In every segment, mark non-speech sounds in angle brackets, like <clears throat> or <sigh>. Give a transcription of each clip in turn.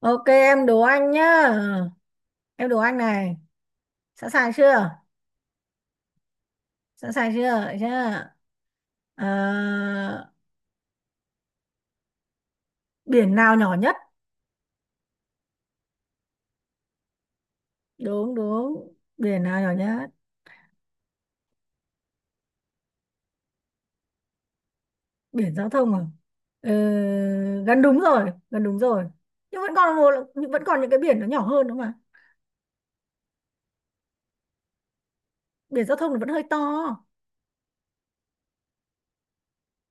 Ok, em đố anh nhá. Em đố anh này. Sẵn sàng chưa? Sẵn sàng chưa? Đấy chưa? À, Biển nào nhỏ nhất? Đúng đúng. Biển nào nhỏ nhất? Biển giao thông à? Ừ, Gần đúng rồi, gần đúng rồi. Nhưng vẫn còn một, vẫn còn những cái biển nó nhỏ hơn đúng không ạ? Biển giao thông thì vẫn hơi to.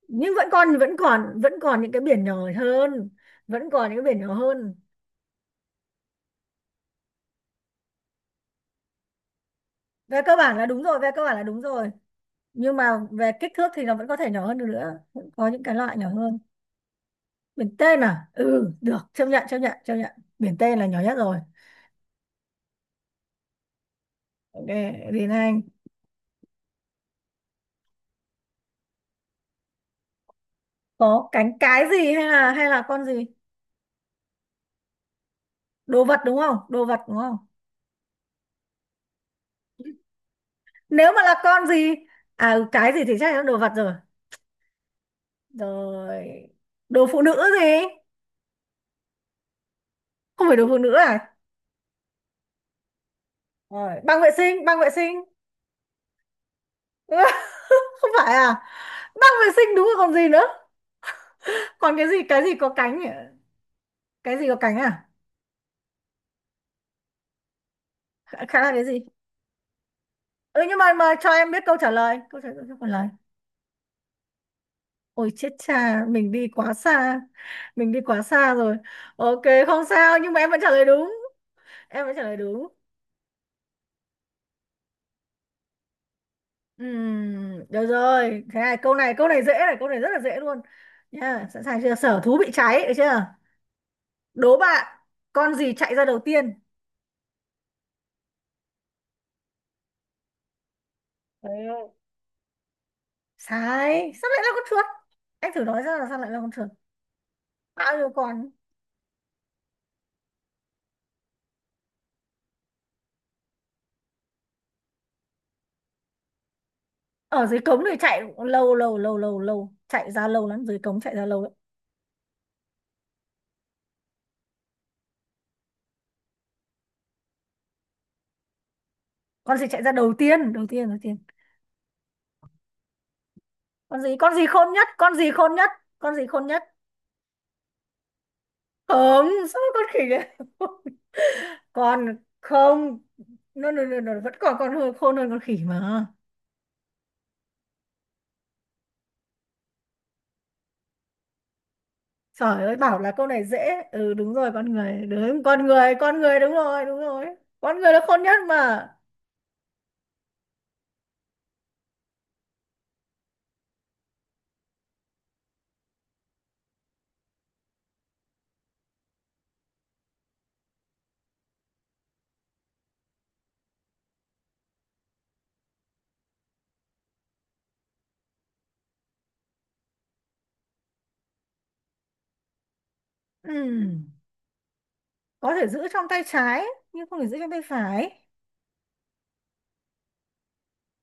Nhưng vẫn còn những cái biển nhỏ hơn, vẫn còn những cái biển nhỏ hơn. Về cơ bản là đúng rồi, về cơ bản là đúng rồi. Nhưng mà về kích thước thì nó vẫn có thể nhỏ hơn được nữa. Vẫn có những cái loại nhỏ hơn. Biển tên à? Ừ, được, chấp nhận chấp nhận chấp nhận. Biển tên là nhỏ nhất rồi. Ok, thì anh có cánh, cái gì, hay là con gì? Đồ vật đúng không? Đồ vật đúng không? Nếu mà là con gì. Cái gì thì chắc là đồ vật rồi. Rồi. Đồ phụ nữ gì? Không phải đồ phụ nữ à? Rồi, băng vệ sinh, băng vệ sinh. <laughs> Không phải à? Băng vệ sinh đúng rồi còn gì nữa. Còn cái gì, cái gì có cánh nhỉ? Cái gì có cánh à? Khá khá là cái gì? Ừ, nhưng mà cho em biết câu trả lời, câu trả lời, câu trả lời. Ôi chết cha, mình đi quá xa. Mình đi quá xa rồi. Ok, không sao, nhưng mà em vẫn trả lời đúng. Em vẫn trả lời đúng. Được rồi. Thế này, câu này, câu này dễ này, câu này rất là dễ luôn. Nha, sẵn sàng chưa? Sở thú bị cháy, được chưa? Đố bạn, con gì chạy ra đầu tiên? Trời! Sai, sao lại là con chuột? Anh thử nói ra là sao lại là con chuột? Bao nhiêu con? Ở dưới cống thì chạy cũng lâu lâu lâu lâu lâu, chạy ra lâu lắm, dưới cống chạy ra lâu lắm. Con gì chạy ra đầu tiên, đầu tiên, đầu tiên. Con gì khôn nhất, con gì khôn nhất, con gì khôn nhất? Không, sao con khỉ đấy? <laughs> Còn không? Nó vẫn còn con hơn, khôn hơn con khỉ mà. Trời ơi, bảo là câu này dễ. Ừ, đúng rồi, con người, đúng, con người, con người, đúng rồi, đúng rồi. Con người là khôn nhất mà. Ừm, có thể giữ trong tay trái nhưng không thể giữ trong tay phải.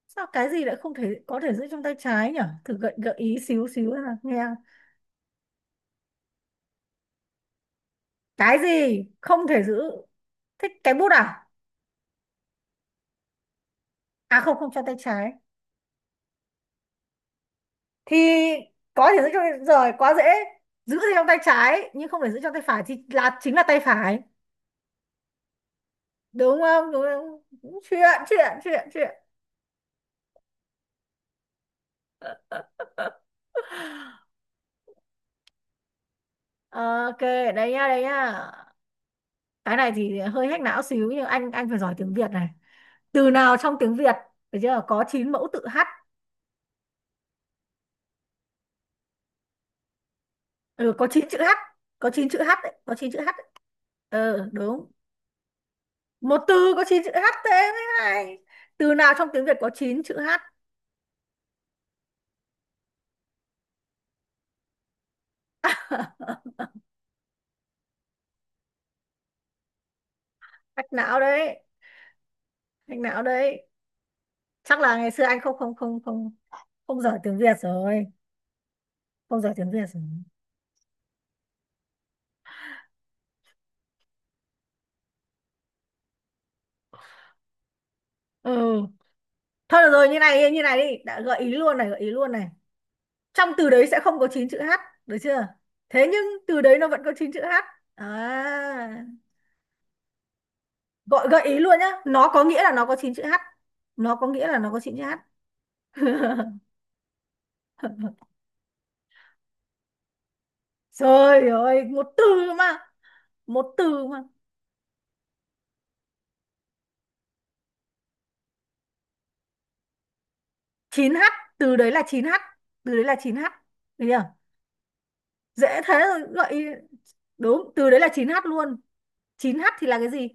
Sao cái gì lại không thể có thể giữ trong tay trái nhỉ? Thử gợi gợi ý xíu xíu nào nghe. Cái gì không thể giữ? Thích cái bút à? À, không, không cho tay trái thì có thể giữ cho. Rồi, quá dễ. Giữ thì trong tay trái nhưng không thể giữ trong tay phải thì là chính là tay phải. Đúng không? Đúng không? Chuyện, chuyện, chuyện, chuyện. Ok, đấy nha, đấy nha. Cái này thì hơi hack não xíu, nhưng anh phải giỏi tiếng Việt này. Từ nào trong tiếng Việt, được chưa, có 9 mẫu tự h? Ừ, có 9 chữ h. Có 9 chữ h đấy, có 9 chữ h đấy. Ừ, đúng. Một từ có 9 chữ h, thế mới hay. Từ nào trong tiếng Việt có 9 chữ h? Hack não đấy, hack não đấy. Chắc là ngày xưa anh không không không không không giỏi tiếng Việt rồi. Không giỏi tiếng Việt rồi. Ừ, thôi được rồi, như này, như này đi, đã gợi ý luôn này, gợi ý luôn này. Trong từ đấy sẽ không có chín chữ h, được chưa? Thế nhưng từ đấy nó vẫn có chín chữ h. À, gọi gợi ý luôn nhá, nó có nghĩa là nó có chín chữ h. Nó có nghĩa là nó có chín chữ h. <laughs> Trời ơi, một từ mà, một từ mà chín h. Từ đấy là chín h, từ đấy là chín h, được chưa? Dễ thế rồi gợi ý. Đúng, từ đấy là chín h luôn. Chín h thì là cái gì?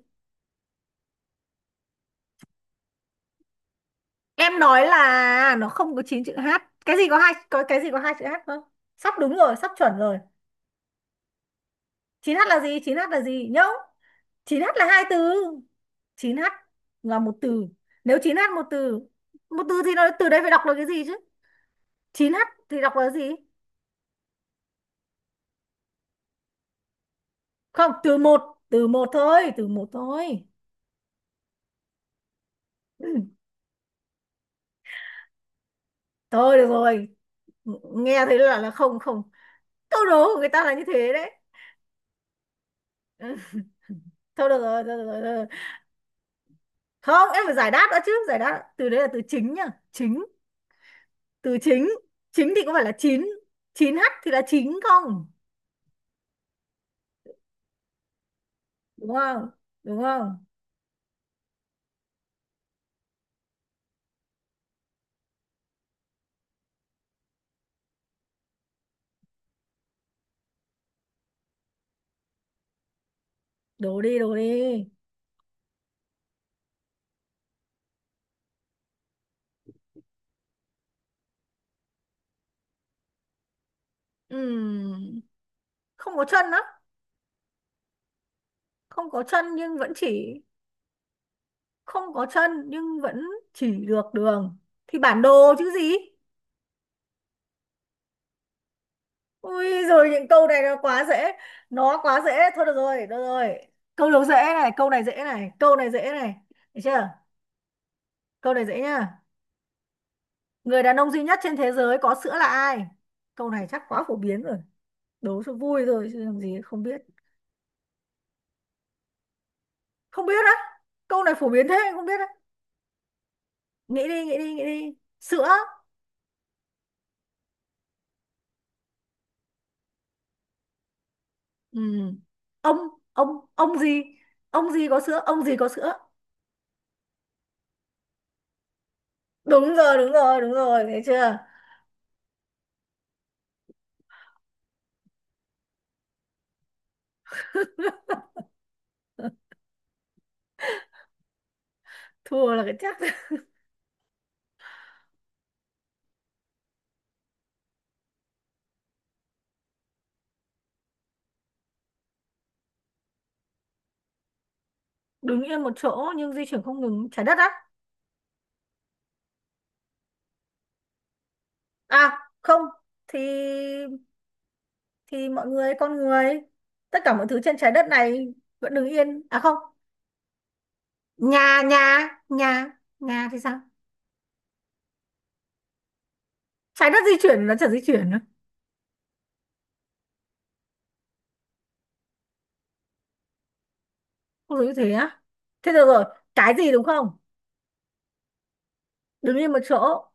Em nói là nó không có 9 chữ H. Cái gì có hai, có cái gì có hai chữ H không? Sắp đúng rồi, sắp chuẩn rồi. Chín h là gì? Chín h là gì? Nhớ. Chín h là hai từ. Chín h là một từ. Nếu chín h một từ thì nó từ đây phải đọc là cái gì chứ? Chín h thì đọc là gì? Không, từ một thôi, từ một thôi. <clears throat> Ừ, thôi được rồi. Nghe thấy là không không. Câu đố của người ta là như thế đấy. Ừ, thôi được rồi, thôi được rồi, thôi được rồi. Không, em phải giải đáp đã chứ. Giải đáp, từ đấy là từ chính nhá. Chính. Từ chính. Chính thì có phải là chín, chín h thì là chính không? Đúng không? Đúng không? Đổ đi, đổ đi. Ừm, Không có chân á? Không có chân nhưng vẫn chỉ, không có chân nhưng vẫn chỉ được đường, thì bản đồ chứ gì. Ui rồi, những câu này nó quá dễ. Nó quá dễ. Thôi được rồi, được rồi. Câu đầu dễ này, câu này dễ này, câu này dễ này. Được chưa? Câu này dễ nhá. Người đàn ông duy nhất trên thế giới có sữa là ai? Câu này chắc quá phổ biến rồi. Đố cho vui thôi chứ làm gì không biết. Không biết á? Câu này phổ biến thế không biết á? Nghĩ đi, nghĩ đi, nghĩ đi. Sữa. Ừ. Ông, ông gì? Ông gì có sữa? Ông gì có sữa? Đúng rồi, đúng rồi, đúng rồi. Thấy chưa? Thua là cái chắc. <laughs> Đứng yên một chỗ nhưng di chuyển không ngừng. Trái đất á? À, không. Thì thì mọi người, con người, tất cả mọi thứ trên trái đất này vẫn đứng yên. À không. Nhà, nhà, nhà, nhà thì sao? Trái đất di chuyển, nó chả di chuyển nữa. Không giống như thế á? Thế được rồi. Cái gì đúng không? Đứng yên một chỗ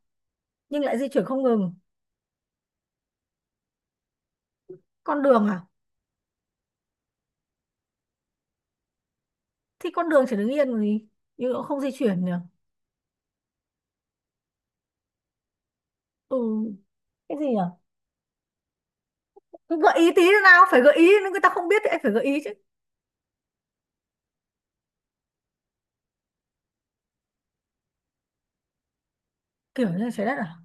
nhưng lại di chuyển không ngừng. Con đường à? Thì con đường chỉ đứng yên còn gì, nhưng nó không di chuyển nhỉ. Ừ, cái gì nhỉ? Cứ gợi ý tí nữa nào, phải gợi ý, nếu người ta không biết thì anh phải gợi ý chứ. Kiểu như là trái đất à?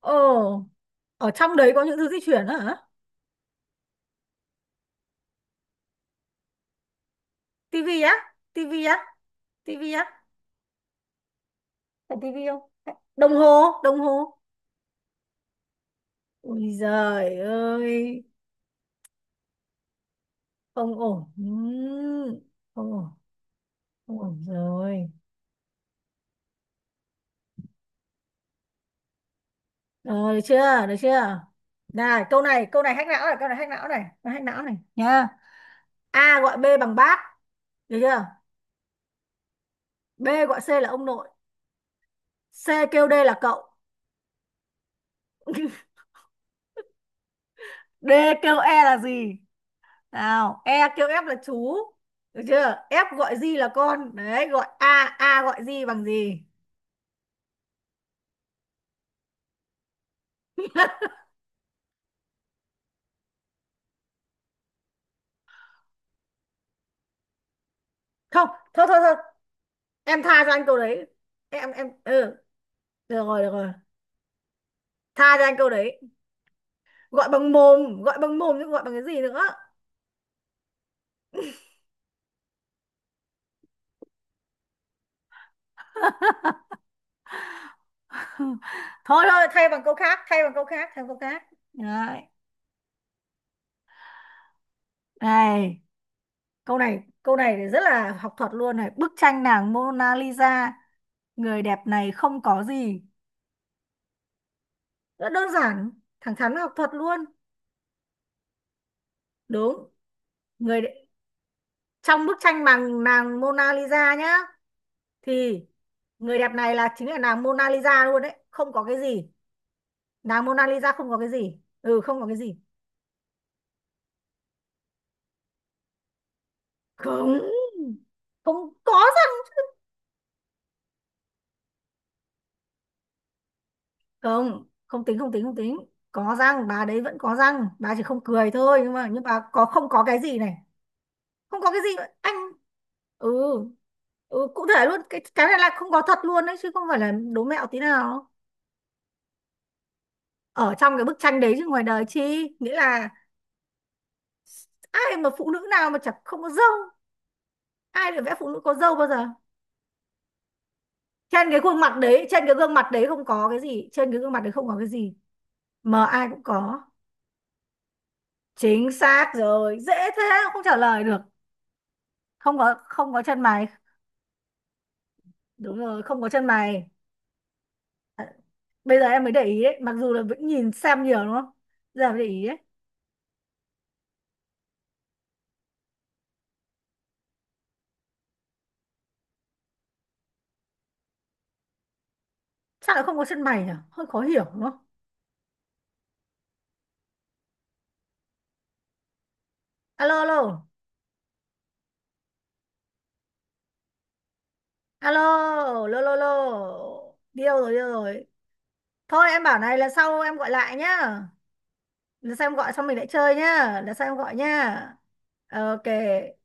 Ồ, ở trong đấy có những thứ di chuyển á hả? Tivi á? Tivi á? Tivi á? Phải tivi không? Đồng hồ, đồng hồ. Ui giời ơi, không ổn. Không ổn, không ổn rồi. Ờ, Được chưa, được chưa? Này câu này, câu này hack não này, câu này hack não này, nó hack não này nha. A gọi B bằng bác, được chưa? B gọi C là ông nội, C kêu D là cậu. <laughs> D kêu E là gì nào? E kêu F là chú, được chưa? F gọi G là con đấy, gọi A, A gọi G bằng gì? Không, thôi thôi thôi, em tha cho anh câu đấy. Em ừ, được rồi, được rồi. Tha cho anh câu đấy. Gọi bằng mồm, gọi bằng mồm chứ gọi bằng cái gì nữa. <laughs> Thôi thôi, thay bằng câu khác, thay bằng câu khác, thay bằng câu khác. Đấy. Này câu này, câu này thì rất là học thuật luôn này. Bức tranh nàng Mona Lisa, người đẹp này không có gì. Rất đơn giản, thẳng thắn, học thuật luôn. Đúng, người đ-, trong bức tranh bằng nàng Mona Lisa nhá, thì người đẹp này là chính là nàng Mona Lisa luôn đấy, không có cái gì. Nàng Mona Lisa không có cái gì. Ừ, không có cái gì. Không, không có răng. Không, không tính, không tính, không tính. Có răng, bà đấy vẫn có răng, bà chỉ không cười thôi, nhưng mà nhưng bà có không có cái gì này. Không có cái gì anh. Ừ, ừ cụ thể luôn. Cái này là không có thật luôn đấy chứ không phải là đố mẹo tí nào. Ở trong cái bức tranh đấy chứ ngoài đời chi. Nghĩa là, ai mà, phụ nữ nào mà chẳng không có râu. Ai được vẽ phụ nữ có râu bao giờ. Trên cái khuôn mặt đấy, trên cái gương mặt đấy không có cái gì, trên cái gương mặt đấy không có cái gì mà ai cũng có. Chính xác rồi, dễ thế mà không trả lời được. Không có, không có chân mày. Đúng rồi, không có chân mày. Bây giờ em mới để ý đấy, mặc dù là vẫn nhìn xem nhiều đúng không. Giờ mới để ý đấy. Sao lại không có chân mày nhỉ, hơi khó hiểu đúng không? Alo, alo, alo, lô lô lô. Điêu rồi, điêu rồi. Thôi em bảo này, lần sau em gọi lại nhá. Lần sau em gọi xong mình lại chơi nhá, lần sau em gọi nhá. Ok.